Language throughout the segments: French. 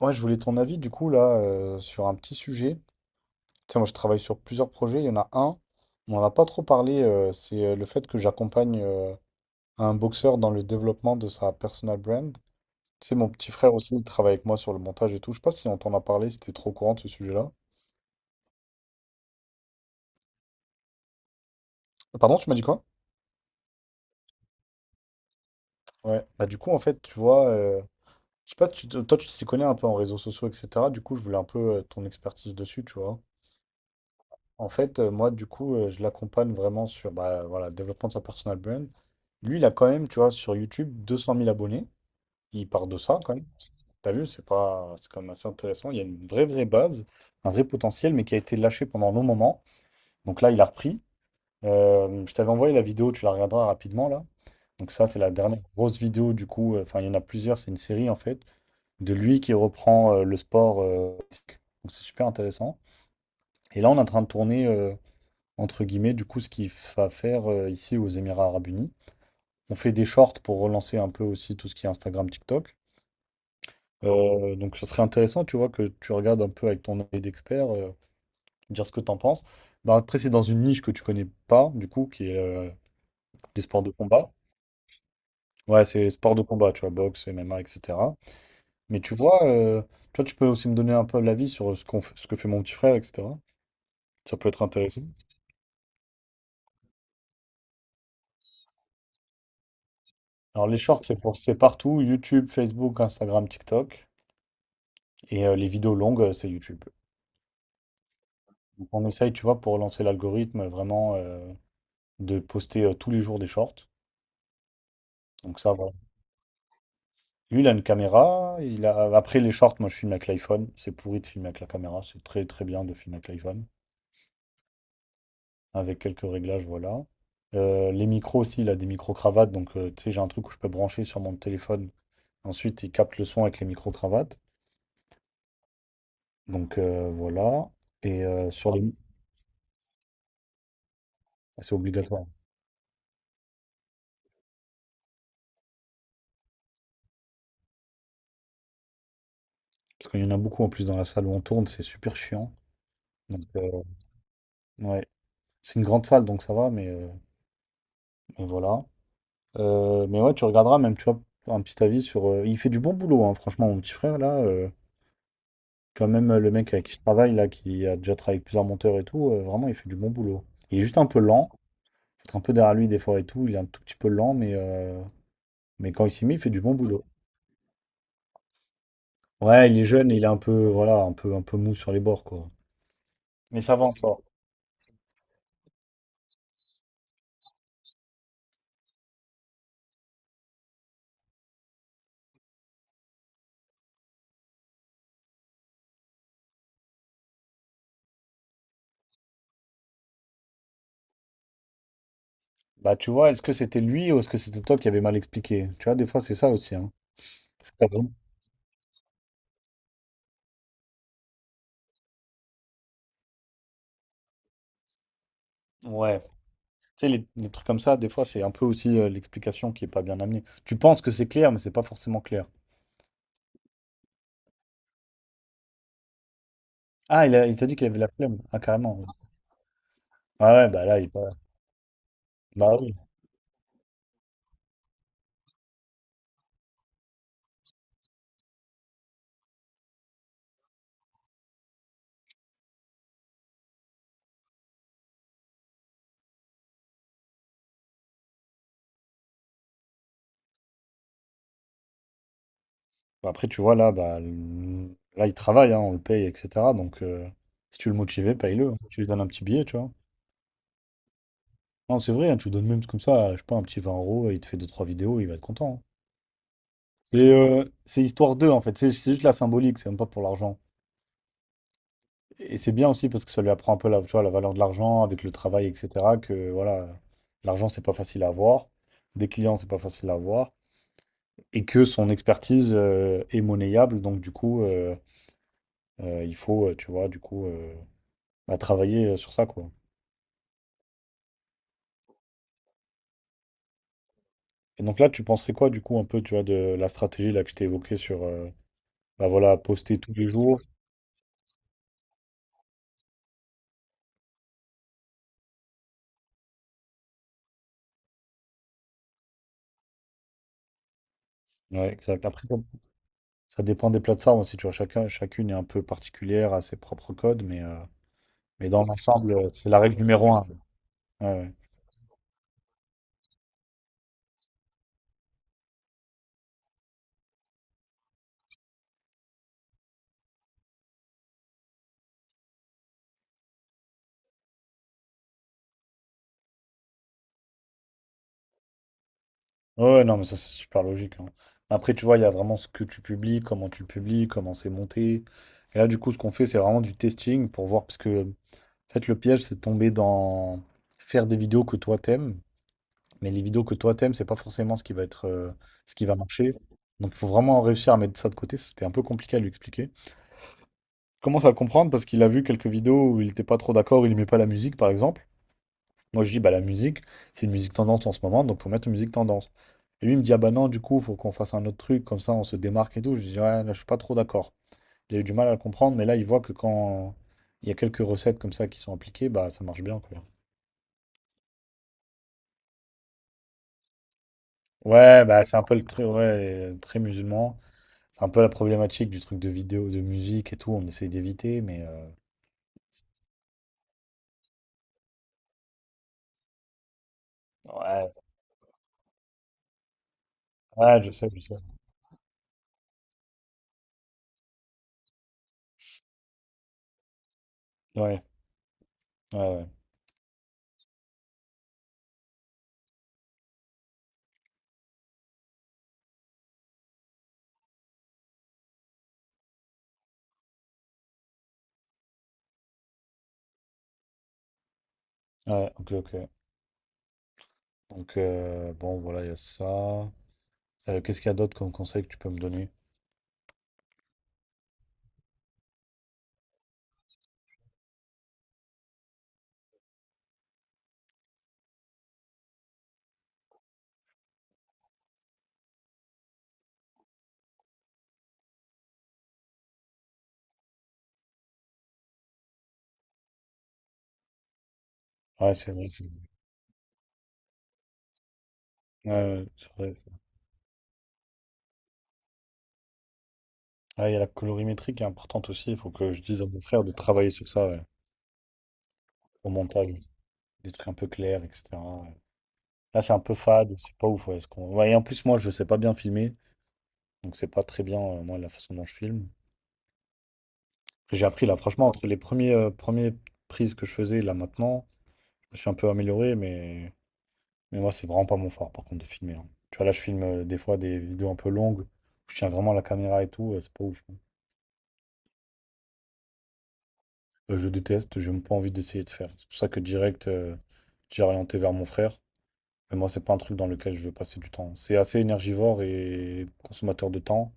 Ouais, je voulais ton avis du coup là sur un petit sujet. Tu sais, moi je travaille sur plusieurs projets. Il y en a un, on n'en a pas trop parlé, c'est le fait que j'accompagne un boxeur dans le développement de sa personal brand. Tu sais, mon petit frère aussi, il travaille avec moi sur le montage et tout. Je sais pas si on t'en a parlé, c'était trop au courant de ce sujet-là. Pardon, tu m'as dit quoi? Ouais. Bah du coup, en fait, tu vois, je sais pas si toi tu t'y connais un peu en réseaux sociaux, etc. Du coup, je voulais un peu ton expertise dessus, tu vois. En fait, moi, du coup, je l'accompagne vraiment sur bah, voilà, le développement de sa personal brand. Lui, il a quand même, tu vois, sur YouTube, 200 000 abonnés. Il part de ça, quand même. T'as vu, c'est pas c'est quand même assez intéressant. Il y a une vraie, vraie base, un vrai potentiel, mais qui a été lâché pendant un long moment. Donc là, il a repris. Je t'avais envoyé la vidéo, tu la regarderas rapidement, là. Donc ça, c'est la dernière grosse vidéo, du coup. Enfin, il y en a plusieurs, c'est une série, en fait, de lui qui reprend le sport. Donc c'est super intéressant. Et là, on est en train de tourner, entre guillemets, du coup, ce qu'il va faire ici aux Émirats Arabes Unis. On fait des shorts pour relancer un peu aussi tout ce qui est Instagram, TikTok. Donc, ce serait intéressant, tu vois, que tu regardes un peu avec ton œil d'expert, dire ce que tu en penses. Bah, après, c'est dans une niche que tu connais pas, du coup, qui est les sports de combat. Ouais, c'est sports de combat, tu vois, boxe, MMA, etc. Mais tu vois, tu vois, tu peux aussi me donner un peu l'avis sur ce ce que fait mon petit frère, etc. Ça peut être intéressant. Alors, les shorts, c'est pour, c'est partout, YouTube, Facebook, Instagram, TikTok. Et les vidéos longues, c'est YouTube. Donc on essaye, tu vois, pour lancer l'algorithme, vraiment de poster tous les jours des shorts. Donc ça, voilà. Lui, il a une caméra. Il a Après les shorts, moi, je filme avec l'iPhone. C'est pourri de filmer avec la caméra. C'est très, très bien de filmer avec l'iPhone. Avec quelques réglages, voilà. Les micros aussi, il a des micro-cravates. Donc, tu sais, j'ai un truc où je peux brancher sur mon téléphone. Ensuite, il capte le son avec les micro-cravates. Donc, voilà. Et C'est obligatoire. Parce qu'il y en a beaucoup en plus dans la salle où on tourne. C'est super chiant. Donc, euh, Ouais, c'est une grande salle donc ça va, mais voilà. Mais ouais, tu regarderas même, tu vois, un petit avis sur. Il fait du bon boulot, hein, franchement, mon petit frère là. Tu vois, même le mec avec qui je travaille là, qui a déjà travaillé avec plusieurs monteurs et tout, vraiment, il fait du bon boulot. Il est juste un peu lent, faut être un peu derrière lui des fois et tout. Il est un tout petit peu lent, mais quand il s'y met, il fait du bon boulot. Ouais, il est jeune et il est un peu, voilà, un peu mou sur les bords quoi. Mais ça va encore. Bah, tu vois, est-ce que c'était lui ou est-ce que c'était toi qui avais mal expliqué? Tu vois, des fois, c'est ça aussi, hein. C'est pas bon. Ouais. Tu sais, les trucs comme ça, des fois, c'est un peu aussi l'explication qui est pas bien amenée. Tu penses que c'est clair, mais c'est pas forcément clair. Ah, il t'a dit qu'il avait la flemme. Ah, carrément. Ouais. Ah ouais, bah là, il Bah bah oui. Bah après, tu vois, là, il travaille, hein, on le paye, etc. Donc, si tu veux le motiver, paye-le. Hein. Tu lui donnes un petit billet, tu vois. Non, c'est vrai, hein, tu lui donnes même comme ça, je sais pas, un petit 20 euros, il te fait deux trois vidéos, il va être content. Hein. C'est histoire d'eux en fait, c'est juste la symbolique, c'est même pas pour l'argent. Et c'est bien aussi parce que ça lui apprend un peu la, tu vois, la valeur de l'argent avec le travail, etc. Que voilà, l'argent c'est pas facile à avoir, des clients c'est pas facile à avoir, et que son expertise est monnayable, donc du coup il faut, tu vois, bah, travailler sur ça quoi. Et donc là tu penserais quoi du coup un peu, tu vois, de la stratégie là que je t'ai évoquée sur, bah voilà, poster tous les jours. Ouais, exact. Ça dépend des plateformes aussi, tu vois, chacun, chacune est un peu particulière à ses propres codes, mais dans l'ensemble, c'est la règle numéro un. Ouais, ouais. Ouais, ouais, non, mais ça, c'est super logique. Hein. Après, tu vois, il y a vraiment ce que tu publies, comment tu le publies, comment c'est monté. Et là, du coup, ce qu'on fait, c'est vraiment du testing pour voir, parce que, en fait, le piège, c'est de tomber dans faire des vidéos que toi t'aimes, mais les vidéos que toi t'aimes, c'est pas forcément ce qui va être, ce qui va marcher. Donc, il faut vraiment réussir à mettre ça de côté. C'était un peu compliqué à lui expliquer. Commence à le comprendre parce qu'il a vu quelques vidéos où il n'était pas trop d'accord, il aimait pas la musique par exemple. Moi je dis bah la musique, c'est une musique tendance en ce moment, donc faut mettre une musique tendance. Et lui il me dit ah bah non du coup faut qu'on fasse un autre truc, comme ça on se démarque et tout. Je dis ouais là, je suis pas trop d'accord. Il a eu du mal à le comprendre, mais là il voit que quand il y a quelques recettes comme ça qui sont appliquées, bah ça marche bien quoi. Ouais bah c'est un peu le truc ouais, très musulman. C'est un peu la problématique du truc de vidéo, de musique et tout, on essaye d'éviter, mais ouais, ouais, je sais, je sais. Ouais, ouais, ouais. Ouais, ok, ok. Donc, bon, voilà, il y a ça. Qu'est-ce qu'il y a d'autre comme conseil que tu peux me donner? Ouais, c'est vrai. C'est vrai. Ouais, ouais, c'est vrai, c'est vrai. Ah, il y a la colorimétrie qui est importante aussi. Il faut que je dise à mon frère de travailler sur ça, ouais, au montage. Des trucs un peu clairs, etc. Ouais. Là, c'est un peu fade, c'est pas ouf. Ouais, ouais, et en plus, moi, je sais pas bien filmer. Donc, c'est pas très bien, moi, la façon dont je filme. J'ai appris, là, franchement, entre les premières prises que je faisais, là, maintenant, je suis un peu amélioré, mais moi, c'est vraiment pas mon fort, par contre, de filmer. Hein. Tu vois, là, je filme des fois des vidéos un peu longues, je tiens vraiment la caméra et tout, c'est pas ouf. Hein. Je déteste, j'ai même pas envie d'essayer de faire. C'est pour ça que direct, j'ai orienté vers mon frère. Mais moi, c'est pas un truc dans lequel je veux passer du temps. C'est assez énergivore et consommateur de temps.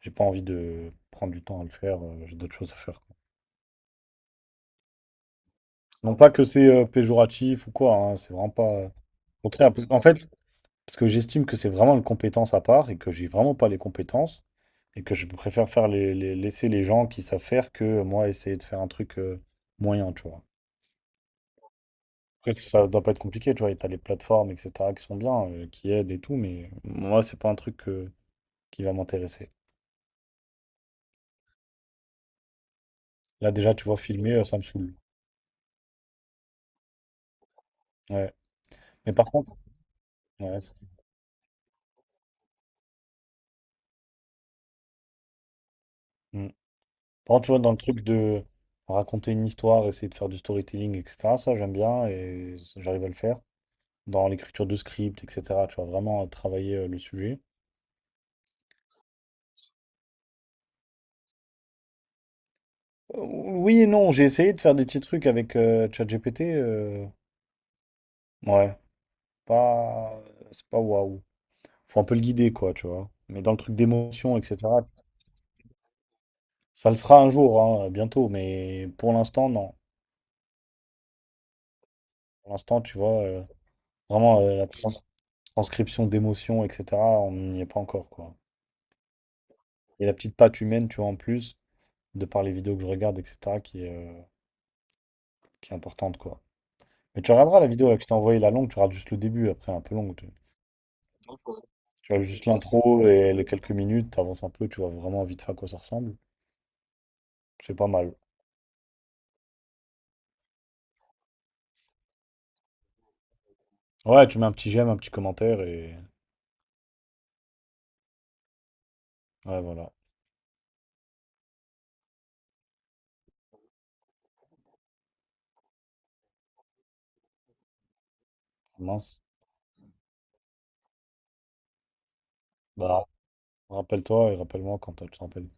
J'ai pas envie de prendre du temps à le faire, j'ai d'autres choses à faire. Quoi. Non pas que c'est péjoratif ou quoi, hein, c'est vraiment pas Au contraire, en fait, parce que j'estime que c'est vraiment une compétence à part et que j'ai vraiment pas les compétences. Et que je préfère faire laisser les gens qui savent faire que moi essayer de faire un truc moyen, tu vois. Après, ça doit pas être compliqué, tu vois. Et t'as les plateformes, etc., qui sont bien, qui aident et tout, mais moi, c'est pas un truc qui va m'intéresser. Là, déjà, tu vois, filmer, ça me saoule. Ouais. Mais par contre, ouais, c'est- Mm. Par contre, tu vois, dans le truc de raconter une histoire, essayer de faire du storytelling, etc., ça, j'aime bien et j'arrive à le faire. Dans l'écriture de script, etc., tu vois, vraiment travailler le sujet. Oui et non, j'ai essayé de faire des petits trucs avec ChatGPT. Ouais, pas, C'est pas waouh. Faut un peu le guider, quoi, tu vois. Mais dans le truc d'émotion, etc. Ça le sera un jour, hein, bientôt. Mais pour l'instant, non. Pour l'instant, tu vois, vraiment euh, la trans- transcription d'émotion, etc. On n'y est pas encore, quoi. Et la petite patte humaine, tu vois, en plus, de par les vidéos que je regarde, etc., qui est importante, quoi. Mais tu regarderas la vidéo là, que je t'ai envoyée, la longue, tu regardes juste le début, après un peu longue. Tu vois, juste l'intro et les quelques minutes, t'avances un peu, tu vois vraiment vite fait à quoi ça ressemble. C'est pas mal. Ouais, tu mets un petit j'aime, un petit commentaire et Ouais, voilà. Mince. Bah, rappelle-toi et rappelle-moi quand tu te rappelles.